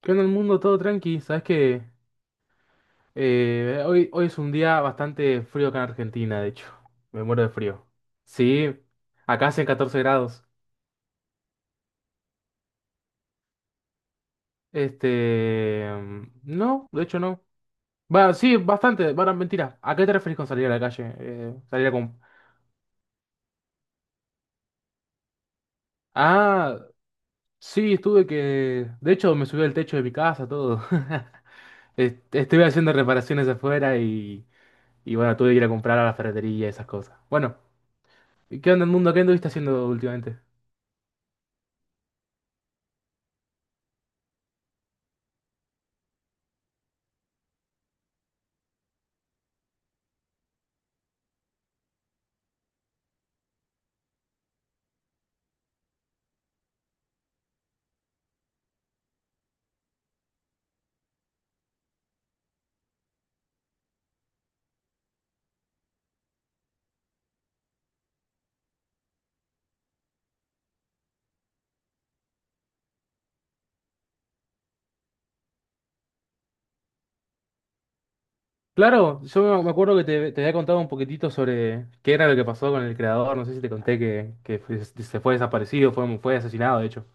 ¿Qué onda el mundo? Todo tranqui. Sabes que hoy es un día bastante frío acá en Argentina, de hecho. Me muero de frío. Sí, acá hace 14 grados. No, de hecho no. Va, sí, bastante. Bueno, mentira. ¿A qué te referís con salir a la calle? Salir a con. Ah, sí, estuve que. De hecho, me subí al techo de mi casa, todo. Estuve haciendo reparaciones afuera y. Y bueno, tuve que ir a comprar a la ferretería y esas cosas. Bueno, ¿qué onda el mundo? ¿Qué anduviste haciendo últimamente? Claro, yo me acuerdo que te había contado un poquitito sobre qué era lo que pasó con el creador. No sé si te conté que se fue desaparecido, fue asesinado, de hecho.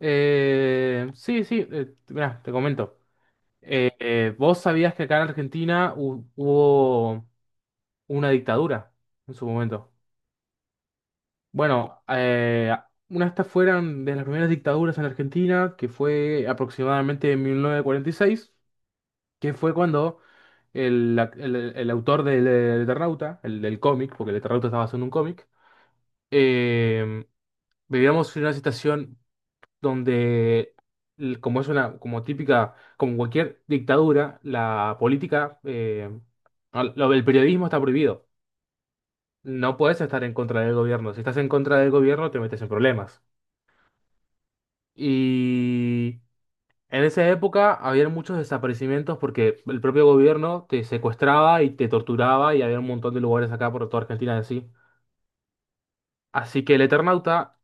Sí, sí, mirá, te comento. ¿Vos sabías que acá en Argentina hubo una dictadura en su momento? Bueno, una de estas fueron de las primeras dictaduras en Argentina, que fue aproximadamente en 1946, que fue cuando el autor del Eternauta, el del cómic, porque el Eternauta estaba haciendo un cómic, eh, vivíamos en una situación donde, como es una, como típica, como cualquier dictadura, la política, lo del periodismo está prohibido. No puedes estar en contra del gobierno. Si estás en contra del gobierno, te metes en problemas. Y en esa época había muchos desaparecimientos porque el propio gobierno te secuestraba y te torturaba y había un montón de lugares acá por toda Argentina así. Así que el Eternauta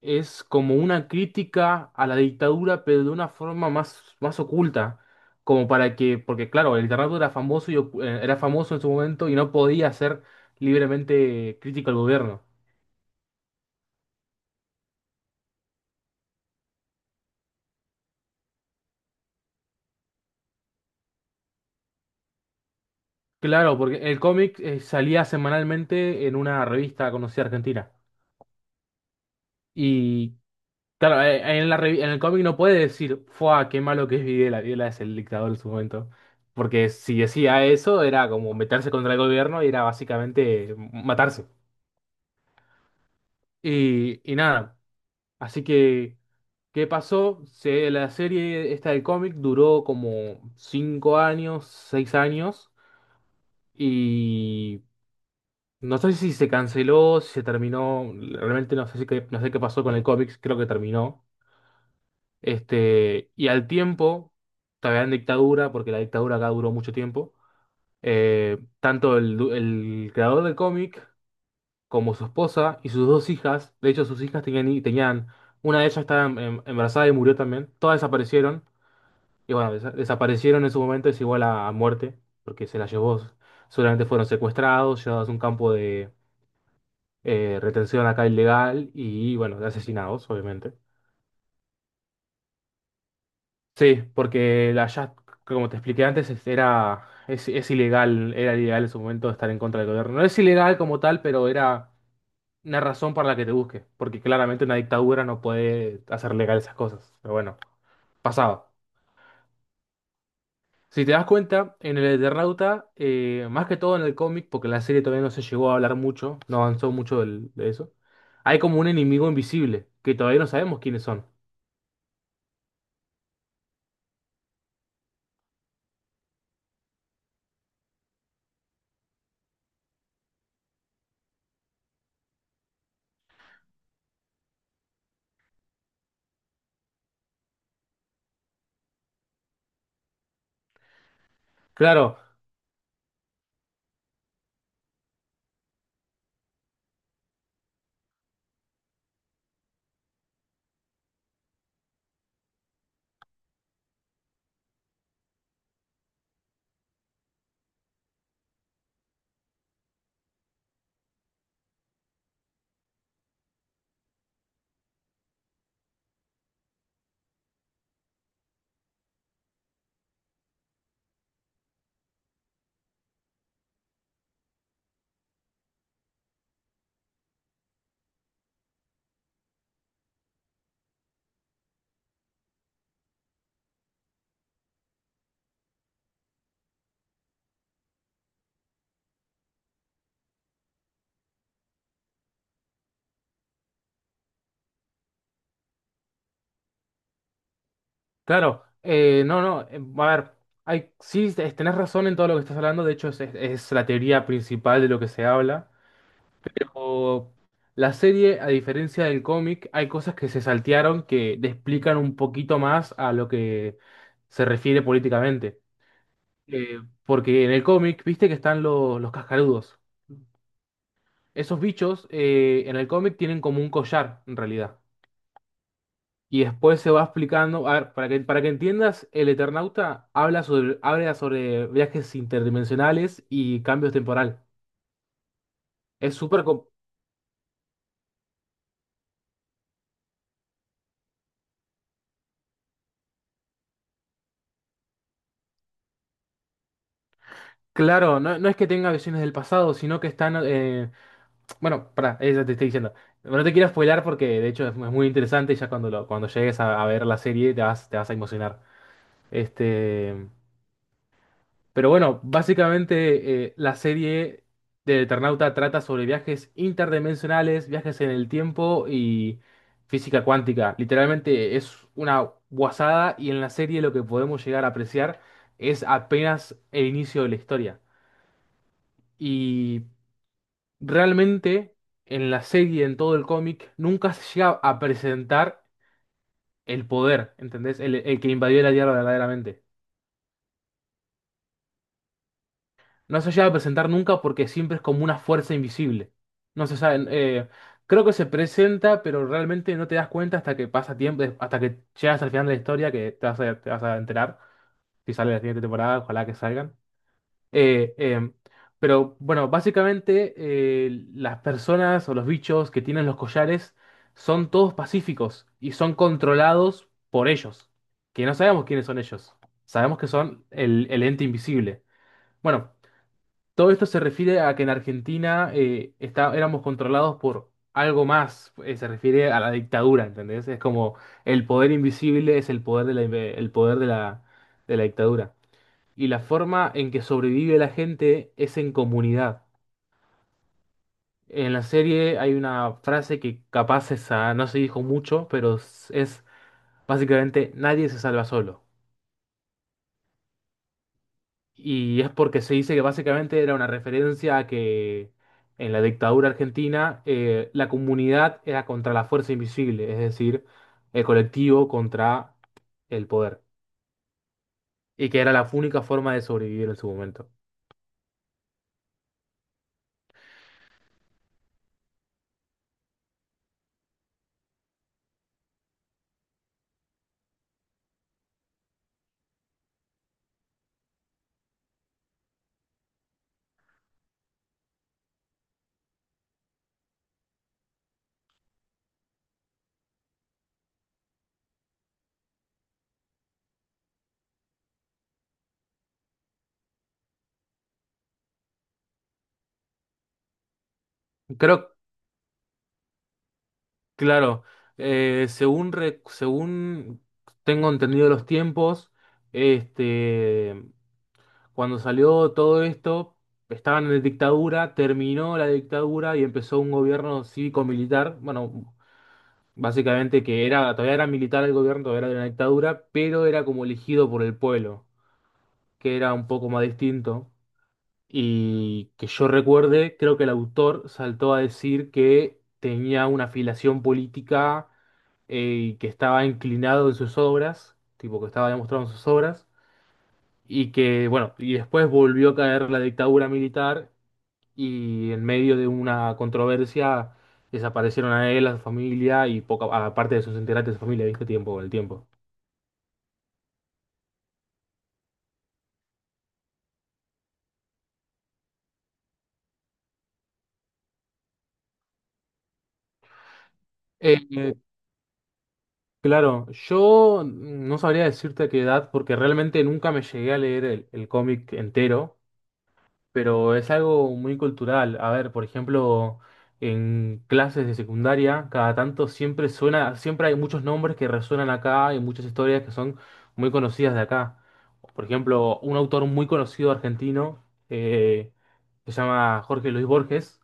es como una crítica a la dictadura, pero de una forma más, más oculta. Como para que, porque claro, el Eternauta era famoso y era famoso en su momento y no podía ser libremente crítico al gobierno. Claro, porque el cómic salía semanalmente en una revista conocida argentina. Y claro, en el cómic no puede decir, ¡fua! Qué malo que es Videla. Videla es el dictador en su momento. Porque si decía eso, era como meterse contra el gobierno y era básicamente matarse. Y nada. Así que, ¿qué pasó? La serie esta del cómic duró como 5 años, 6 años. Y no sé si se canceló, si se terminó. Realmente no sé, no sé qué pasó con el cómic. Creo que terminó. Este, y al tiempo, todavía en dictadura, porque la dictadura acá duró mucho tiempo, tanto el creador del cómic como su esposa y sus dos hijas, de hecho sus hijas tenían, tenían una de ellas estaba embarazada y murió también, todas desaparecieron, y bueno, desaparecieron en su momento, es igual a muerte, porque se las llevó, seguramente fueron secuestrados, llevados a un campo de retención acá ilegal y bueno, asesinados, obviamente. Sí, porque la Just, como te expliqué antes, es ilegal, era ilegal en su momento estar en contra del gobierno. No es ilegal como tal, pero era una razón para la que te busque, porque claramente una dictadura no puede hacer legal esas cosas. Pero bueno, pasaba. Si te das cuenta, en el Eternauta, más que todo en el cómic, porque la serie todavía no se llegó a hablar mucho, no avanzó mucho de eso, hay como un enemigo invisible, que todavía no sabemos quiénes son. Claro. Claro, no, no, A ver, hay, sí, tenés razón en todo lo que estás hablando, de hecho es la teoría principal de lo que se habla, pero la serie, a diferencia del cómic, hay cosas que se saltearon que te explican un poquito más a lo que se refiere políticamente. Eh, Porque en el cómic, viste que están los cascarudos. Esos bichos en el cómic tienen como un collar, en realidad. Y después se va explicando, a ver, para que entiendas, el Eternauta habla sobre viajes interdimensionales y cambios temporal. Es súper com- claro, no, no es que tenga visiones del pasado, sino que están, bueno, para, eso te estoy diciendo. No te quiero spoilar porque de hecho es muy interesante y ya cuando llegues a ver la serie te vas a emocionar. Este, pero bueno, básicamente la serie de Eternauta trata sobre viajes interdimensionales, viajes en el tiempo y física cuántica. Literalmente es una guasada y en la serie lo que podemos llegar a apreciar es apenas el inicio de la historia. Y realmente en la serie, en todo el cómic, nunca se llega a presentar el poder, ¿entendés? El que invadió la Tierra verdaderamente. No se llega a presentar nunca porque siempre es como una fuerza invisible. No se sabe. Creo que se presenta, pero realmente no te das cuenta hasta que pasa tiempo, hasta que llegas al final de la historia, que te vas a enterar. Si sale la siguiente temporada, ojalá que salgan. Eh, eh, pero bueno, básicamente las personas o los bichos que tienen los collares son todos pacíficos y son controlados por ellos. Que no sabemos quiénes son ellos. Sabemos que son el ente invisible. Bueno, todo esto se refiere a que en Argentina éramos controlados por algo más, se refiere a la dictadura, ¿entendés? Es como el poder invisible es el poder de el poder de la dictadura. Y la forma en que sobrevive la gente es en comunidad. En la serie hay una frase que capaz esa no se dijo mucho, pero es básicamente nadie se salva solo. Y es porque se dice que básicamente era una referencia a que en la dictadura argentina la comunidad era contra la fuerza invisible, es decir, el colectivo contra el poder. Y que era la única forma de sobrevivir en su momento. Creo, claro, según tengo entendido los tiempos, este, cuando salió todo esto, estaban en dictadura, terminó la dictadura y empezó un gobierno cívico-militar. Bueno, básicamente que era, todavía era militar el gobierno, todavía era de una dictadura, pero era como elegido por el pueblo, que era un poco más distinto. Y que yo recuerde, creo que el autor saltó a decir que tenía una afiliación política y que estaba inclinado en sus obras, tipo que estaba demostrado en sus obras, y que, bueno, y después volvió a caer la dictadura militar y en medio de una controversia desaparecieron a él, a su familia y poca, aparte de sus integrantes de su familia, ¿viste? Tiempo, el tiempo. Eh, eh, claro, yo no sabría decirte a qué edad porque realmente nunca me llegué a leer el cómic entero. Pero es algo muy cultural. A ver, por ejemplo, en clases de secundaria, cada tanto siempre suena, siempre hay muchos nombres que resuenan acá y muchas historias que son muy conocidas de acá. Por ejemplo, un autor muy conocido argentino eh, se llama Jorge Luis Borges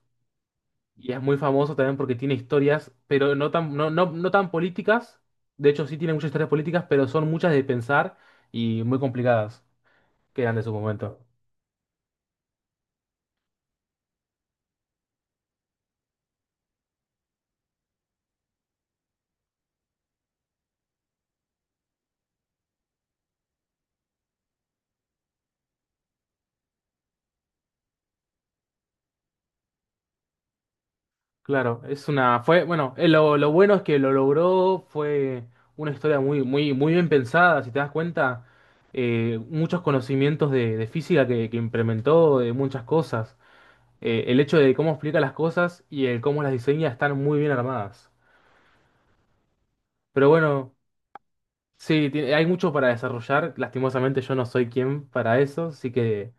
y es muy famoso también porque tiene historias, pero no tan políticas. De hecho, sí tiene muchas historias políticas, pero son muchas de pensar y muy complicadas que eran de su momento. Claro, es una, fue, bueno, lo bueno es que lo logró, fue una historia muy bien pensada, si te das cuenta, muchos conocimientos de física que implementó, de muchas cosas. El hecho de cómo explica las cosas y el cómo las diseña están muy bien armadas. Pero bueno, sí, hay mucho para desarrollar, lastimosamente yo no soy quien para eso, así que,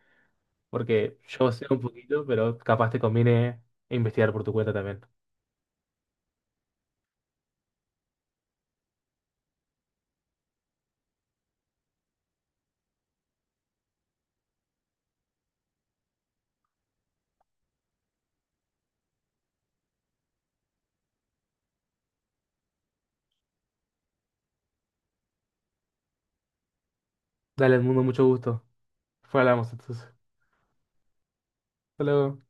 porque yo sé un poquito, pero capaz te conviene investigar por tu cuenta también. Dale, al mundo, mucho gusto. Fue, hablamos entonces. Hasta luego.